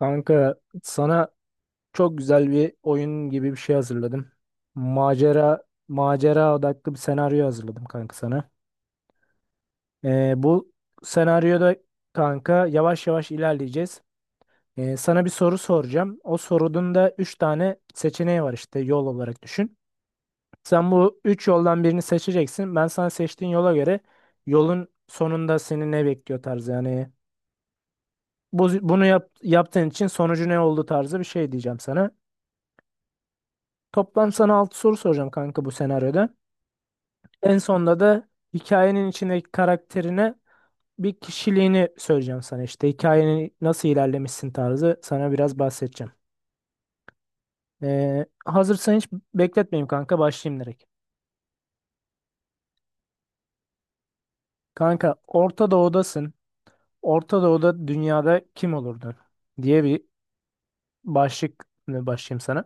Kanka sana çok güzel bir oyun gibi bir şey hazırladım. Macera macera odaklı bir senaryo hazırladım kanka sana. Bu senaryoda kanka yavaş yavaş ilerleyeceğiz. Sana bir soru soracağım. O sorunun da 3 tane seçeneği var işte yol olarak düşün. Sen bu 3 yoldan birini seçeceksin. Ben sana seçtiğin yola göre yolun sonunda seni ne bekliyor tarzı yani. Bunu yap, yaptığın için sonucu ne oldu tarzı bir şey diyeceğim sana. Toplam sana 6 soru soracağım kanka bu senaryoda. En sonunda da hikayenin içindeki karakterine bir kişiliğini söyleyeceğim sana işte. Hikayenin nasıl ilerlemişsin tarzı sana biraz bahsedeceğim. Hazırsan hiç bekletmeyeyim kanka başlayayım direkt. Kanka Orta Doğu'dasın. Orta Doğu'da dünyada kim olurdun diye bir başlık başlayayım sana.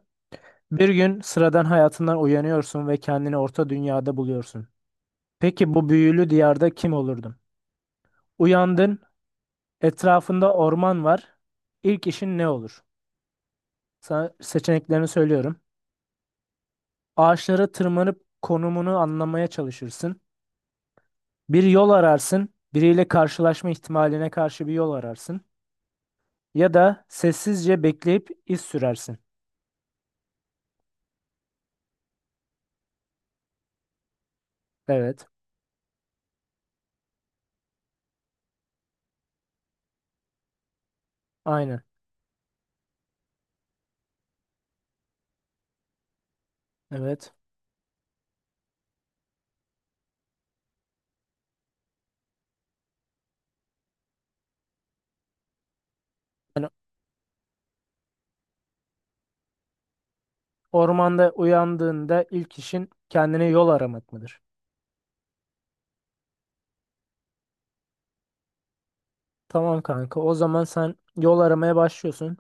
Bir gün sıradan hayatından uyanıyorsun ve kendini Orta Dünya'da buluyorsun. Peki bu büyülü diyarda kim olurdun? Uyandın. Etrafında orman var. İlk işin ne olur? Sana seçeneklerini söylüyorum. Ağaçlara tırmanıp konumunu anlamaya çalışırsın. Bir yol ararsın. Biriyle karşılaşma ihtimaline karşı bir yol ararsın. Ya da sessizce bekleyip iz sürersin. Evet. Aynen. Evet. Yani ormanda uyandığında ilk işin kendine yol aramak mıdır? Tamam kanka. O zaman sen yol aramaya başlıyorsun.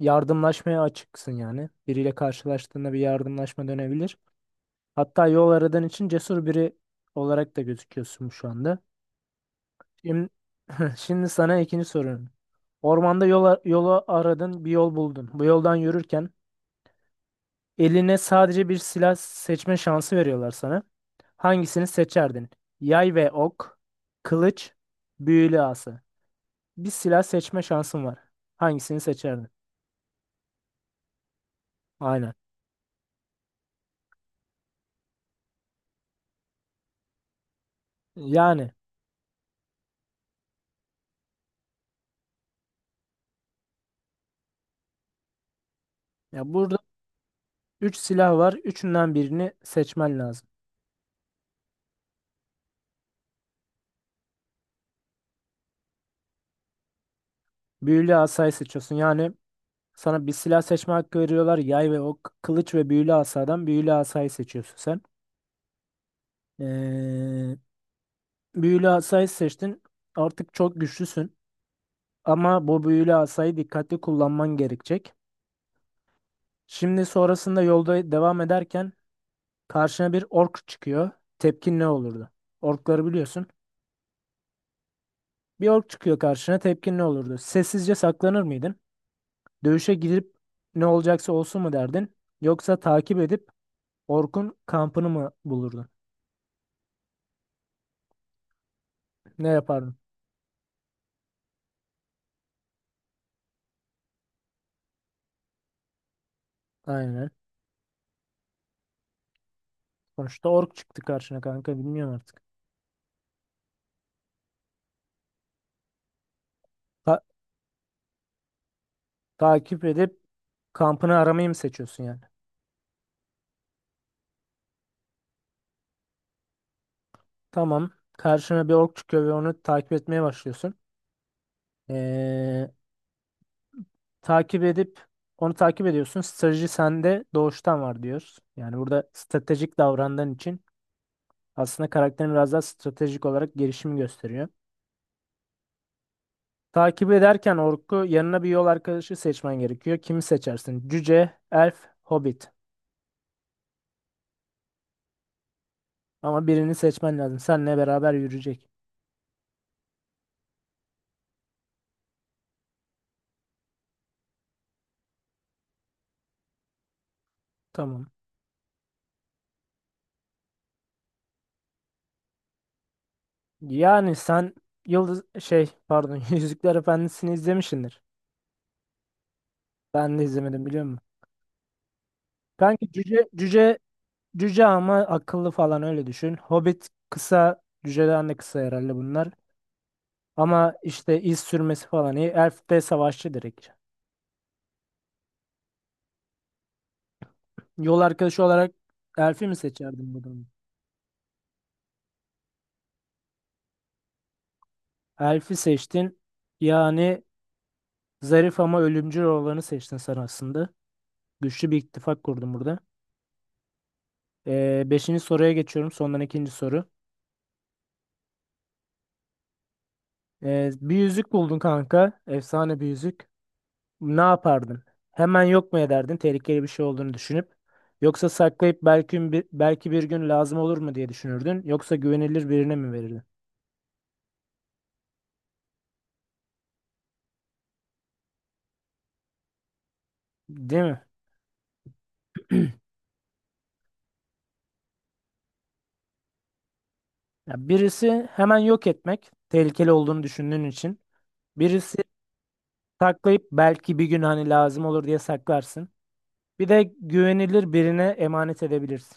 Yardımlaşmaya açıksın yani. Biriyle karşılaştığında bir yardımlaşma dönebilir. Hatta yol aradan için cesur biri olarak da gözüküyorsun şu anda. Şimdi, şimdi sana ikinci sorum. Ormanda yola aradın, bir yol buldun. Bu yoldan yürürken eline sadece bir silah seçme şansı veriyorlar sana. Hangisini seçerdin? Yay ve ok, kılıç, büyülü asa. Bir silah seçme şansın var. Hangisini seçerdin? Aynen. Yani burada 3 silah var. Üçünden birini seçmen lazım. Büyülü asayı seçiyorsun. Yani sana bir silah seçme hakkı veriyorlar. Yay ve ok, kılıç ve büyülü asadan büyülü asayı seçiyorsun sen. Ee, büyülü asayı seçtin. Artık çok güçlüsün. Ama bu büyülü asayı dikkatli kullanman gerekecek. Şimdi sonrasında yolda devam ederken karşına bir ork çıkıyor. Tepkin ne olurdu? Orkları biliyorsun. Bir ork çıkıyor karşına tepkin ne olurdu? Sessizce saklanır mıydın? Dövüşe girip ne olacaksa olsun mu derdin? Yoksa takip edip orkun kampını mı bulurdun? Ne yapardın? Aynen. Sonuçta ork çıktı karşına kanka bilmiyorum artık. Ta- takip edip kampını aramayı mı seçiyorsun yani? Tamam. Karşına bir ork çıkıyor ve onu takip etmeye başlıyorsun. Ee, takip edip onu takip ediyorsun. Strateji sende doğuştan var diyoruz. Yani burada stratejik davrandığın için aslında karakterin biraz daha stratejik olarak gelişimi gösteriyor. Takip ederken orku yanına bir yol arkadaşı seçmen gerekiyor. Kimi seçersin? Cüce, elf, hobbit. Ama birini seçmen lazım. Seninle beraber yürüyecek. Tamam. Yani sen Yıldız pardon Yüzükler Efendisi'ni izlemişsindir. Ben de izlemedim biliyor musun? Kanki cüce ama akıllı falan öyle düşün. Hobbit kısa cüceden de kısa herhalde bunlar. Ama işte iz sürmesi falan iyi. Elf de savaşçı direkt. Yol arkadaşı olarak Elf'i mi seçerdin bu durumda? Elf'i seçtin. Yani zarif ama ölümcül olanı seçtin sen aslında. Güçlü bir ittifak kurdun burada. Beşinci soruya geçiyorum. Sondan ikinci soru. Bir yüzük buldun kanka. Efsane bir yüzük. Ne yapardın? Hemen yok mu ederdin tehlikeli bir şey olduğunu düşünüp? Yoksa saklayıp belki bir gün lazım olur mu diye düşünürdün? Yoksa güvenilir birine mi verirdin? Değil mi? Ya birisi hemen yok etmek tehlikeli olduğunu düşündüğün için. Birisi saklayıp belki bir gün hani lazım olur diye saklarsın. Bir de güvenilir birine emanet edebilirsin.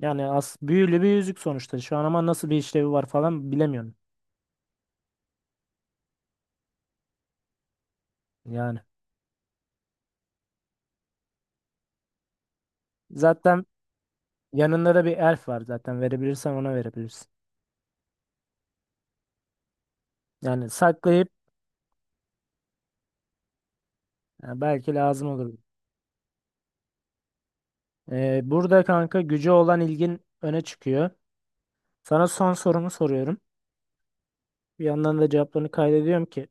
Yani as büyülü bir yüzük sonuçta. Şu an ama nasıl bir işlevi var falan bilemiyorum. Yani. Zaten yanında da bir elf var zaten. Verebilirsen ona verebilirsin. Yani saklayıp yani belki lazım olur. Burada kanka gücü olan ilgin öne çıkıyor. Sana son sorumu soruyorum. Bir yandan da cevaplarını kaydediyorum ki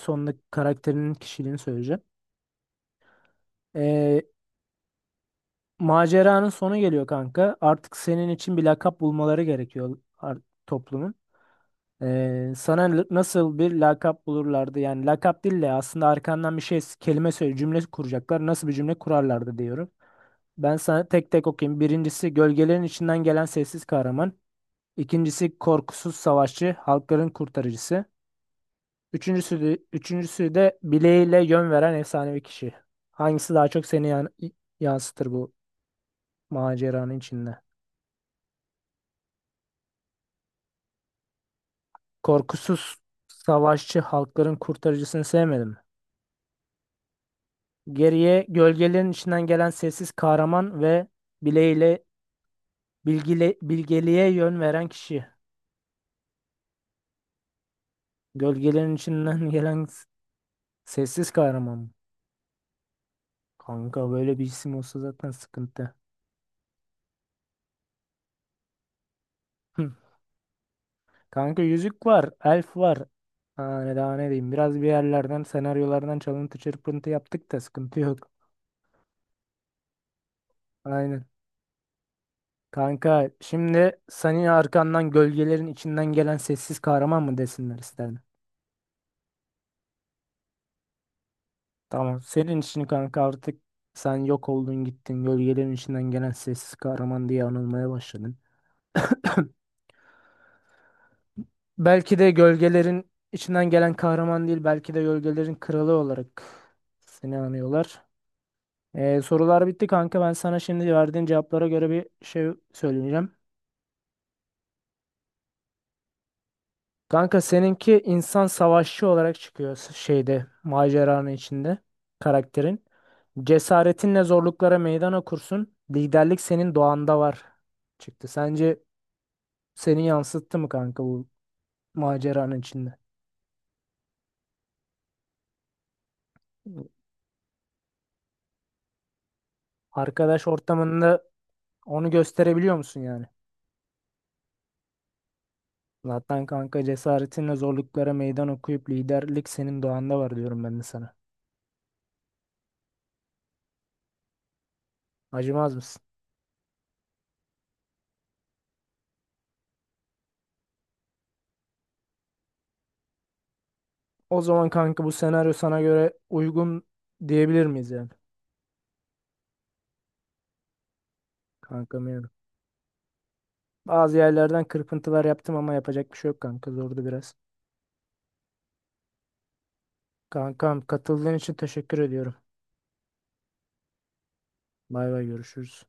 sonunda karakterinin kişiliğini söyleyeceğim. Ee, maceranın sonu geliyor kanka. Artık senin için bir lakap bulmaları gerekiyor toplumun. Sana nasıl bir lakap bulurlardı? Yani lakap değil de aslında arkandan bir şey kelime söyle cümle kuracaklar. Nasıl bir cümle kurarlardı diyorum. Ben sana tek tek okuyayım. Birincisi gölgelerin içinden gelen sessiz kahraman. İkincisi korkusuz savaşçı, halkların kurtarıcısı. Üçüncüsü de bileğiyle yön veren efsanevi kişi. Hangisi daha çok seni yansıtır bu maceranın içinde? Korkusuz savaşçı, halkların kurtarıcısını sevmedim. Geriye gölgelerin içinden gelen sessiz kahraman ve bileğiyle bilgeliğe yön veren kişi. Gölgelerin içinden gelen sessiz kahraman mı? Kanka böyle bir isim olsa zaten sıkıntı. Hı. Kanka yüzük var, elf var. Ha, ne daha diyeyim. Biraz bir yerlerden, senaryolardan çalıntı çırpıntı yaptık da sıkıntı yok. Aynen. Kanka şimdi senin arkandan gölgelerin içinden gelen sessiz kahraman mı desinler isterim. Tamam. Senin için kanka artık sen yok oldun gittin. Gölgelerin içinden gelen sessiz kahraman diye anılmaya başladın. Belki de gölgelerin içinden gelen kahraman değil. Belki de gölgelerin kralı olarak seni anıyorlar. Sorular bitti kanka. Ben sana şimdi verdiğin cevaplara göre bir şey söyleyeceğim. Kanka seninki insan savaşçı olarak çıkıyor şeyde maceranın içinde karakterin. Cesaretinle zorluklara meydan okursun. Liderlik senin doğanda var çıktı. Sence seni yansıttı mı kanka bu maceranın içinde? Arkadaş ortamında onu gösterebiliyor musun yani? Zaten kanka cesaretinle zorluklara meydan okuyup liderlik senin doğanda var diyorum ben de sana. Acımaz mısın? O zaman kanka bu senaryo sana göre uygun diyebilir miyiz yani? Kankam yani. Bazı yerlerden kırpıntılar yaptım ama yapacak bir şey yok kanka zordu biraz. Kankam katıldığın için teşekkür ediyorum. Bay bay görüşürüz.